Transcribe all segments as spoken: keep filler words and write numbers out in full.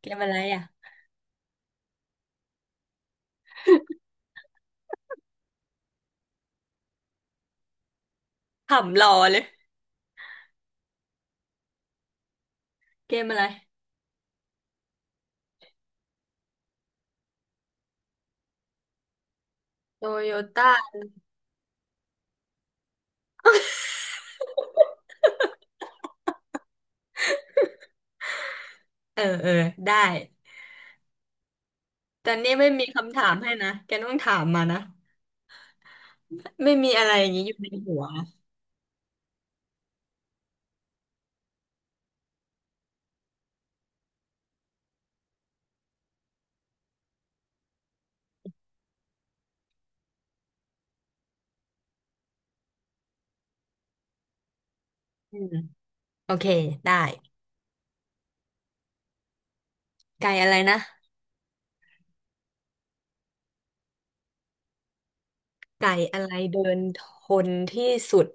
เกมอะไรอ่ะขำรอเลยเกมอะไรโตโยต้า เออเออได้แต่นี่ไม่มีคำถามให้นะแกต้องถามมานะไม่มีอะไรอย่างนี้อยู่ในหัวอืมโอเคได้ไก่อะไรนะไก่อะไรเดินทนที่สุด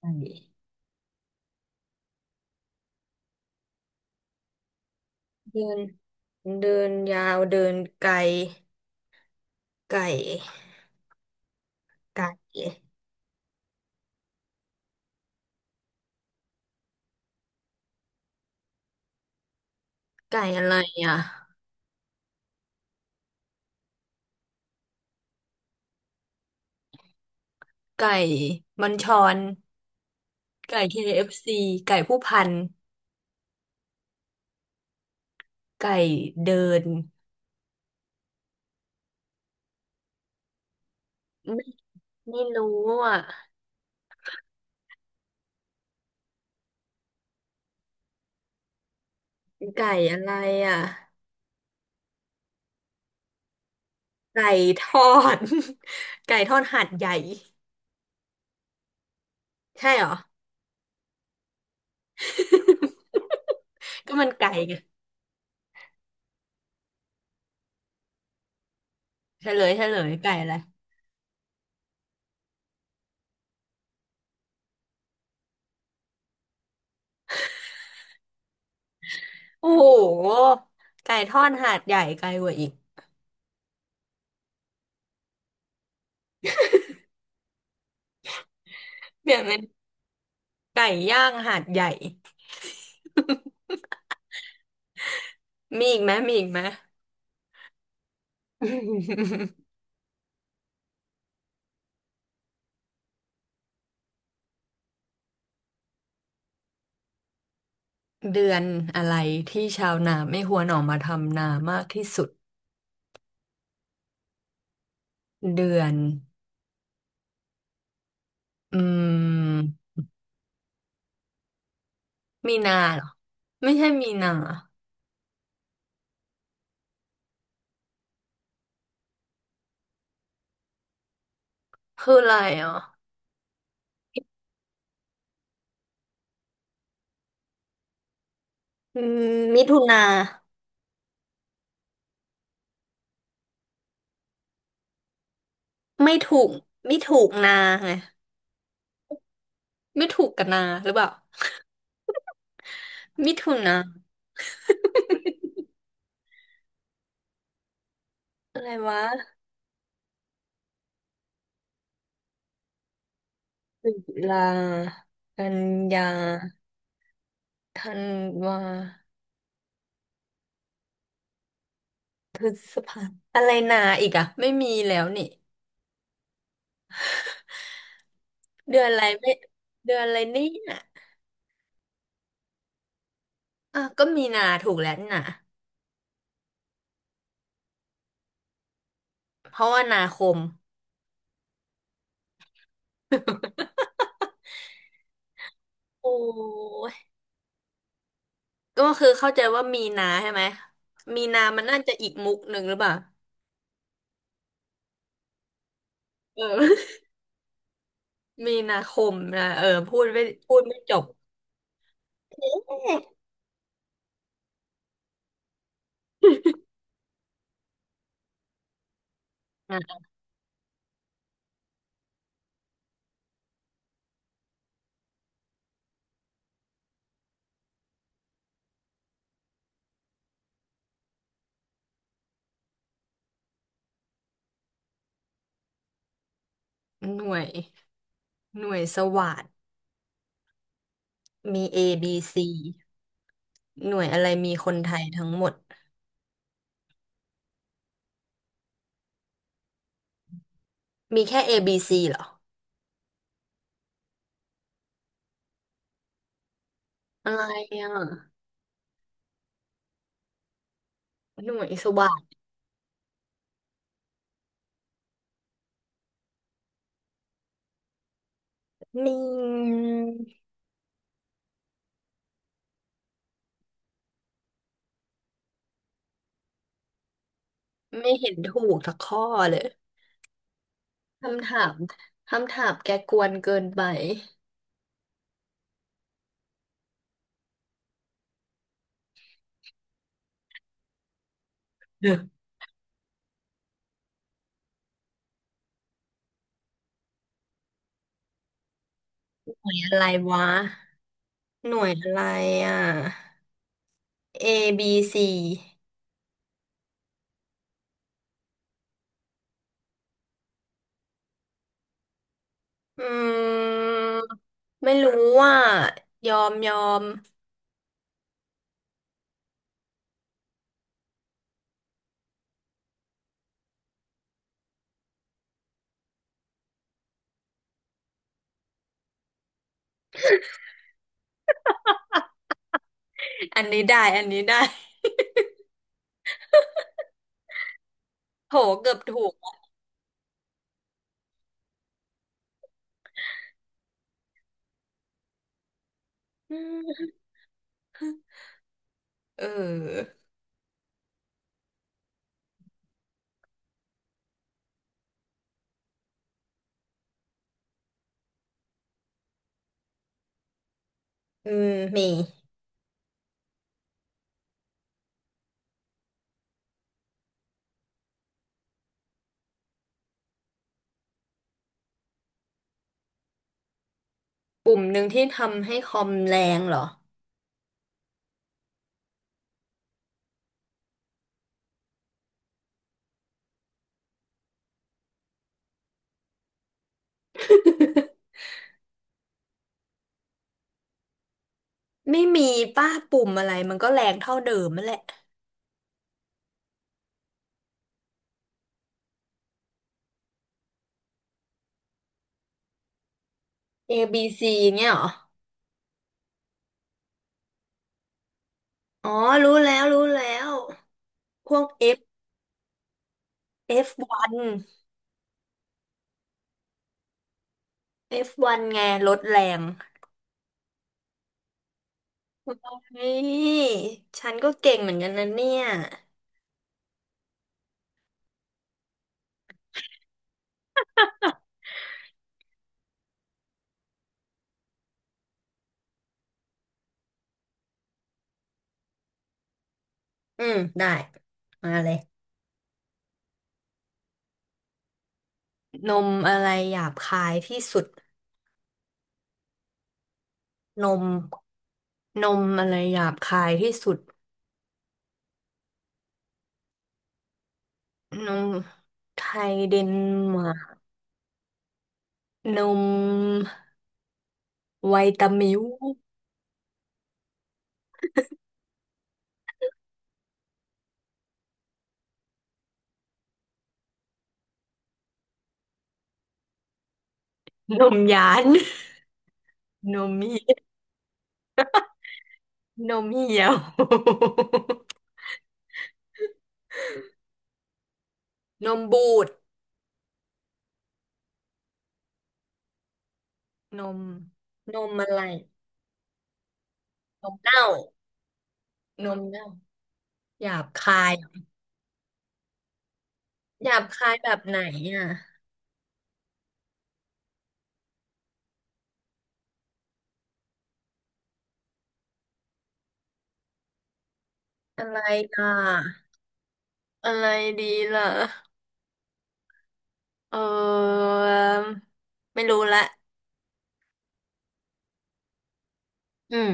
ไก่เดินเดินยาวเดินไกลไก่ไก่ไก่อะไรอ่ะไก่บัญชรไก่เคเอฟ f ีไก่ผู้พัน ไก่เดินไม่ไม่รู้อ่ะไก่อะไรอ่ะไก่ทอด ไก่ทอดหาดใหญ่ใช่เหรอ ก็มันไก่ไงเฉลยเฉลยไก่อะไรโอ้โหไก่ทอดหาดใหญ่ไกลกว่าอีกเปลี่ยนเป็นไก่ย่างหาดใหญ่มีอีกไหมมีอีกไหม เดือนอะไรที่ชาวนาไม่ควรออกมาทำนามากที่สุดเดือนอืม มีนาเหรอไม่ใช่มีนาคืออะไรอ่ะอืมมิถุนาไม่ถูกไม่ถูกนาไงไม่ถูกกับนาหรือเปล่ามิถุนา อะไรวะตุลากันยาธันวาพฤษภาอะไรนาอีกอะไม่มีแล้วนี่เดือนอะไรไม่เดือนอะไรเนี่ยอ่ะก็มีนาถูกแล้วนี่นะเพราะว่านาคมโอ้ ก็คือเข้าใจว่ามีนาใช่ไหมมีนามันน่าจะอีกมุกหนึ่งหรือเปล่าเออ มีนาคมนะเออพูดไม่พูดไม่จบอ่ะหน่วยหน่วยสวัสดมี A ซีหน่วยอะไรมีคนไทยทั้งหมด มีแค่ A B C เหรออะไรอ่ะหน่วยสวัสดนี่ไม่เห็นถูกสักข้อเลยคำถามคำถามแกกวนเกินไป หน่วยอะไรวะหน่วยอะไรอ่ะ A B C อืมไม่รู้ว่ายอมยอมอันนี้ได้อันนี้ได้โหเกือบถูกอืมเอออืมมีปุ่มหนึ่งที่ทำให้คอมแรงเหรอ ไม่มีป้าปุ่มอะไรมันก็แรงเท่าเดิมนั่นแหละ A B C เนี่ยเหรออ๋อรู้แล้วรู้แล้วพวก F เอฟ วัน เอฟ วัน ไงลดแรงเฮ้ยฉันก็เก่งเหมือนกันนะเนี่ย อืมได้มาเลยนมอะไรหยาบคายที่สุดนมนมอะไรหยาบคายที่สุดนมไทยเดนมาร์กนมไวตามิวนมหยานนมเหี้ยนมเหี่ยวนมบูดนมนมอะไรนมเน่านมเน่าหยาบคายหยาบคายแบบไหนอ่ะอะไรอ่ะอะไรดีล่ะ เออไม่รู้ละอืม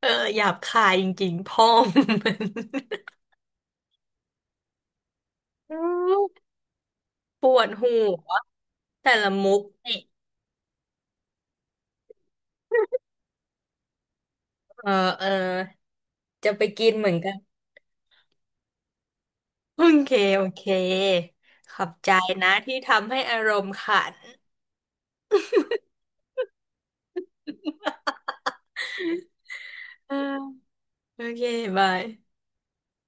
เออหยาบคายจริงๆพ่อมัน อืมปวดหัวแต่ละมุกนี่เออเออจะไปกินเหมือนกันโอเคโอเคขอบใจนะที่ทำให้อารมณ์ขัน เออโอเคบาย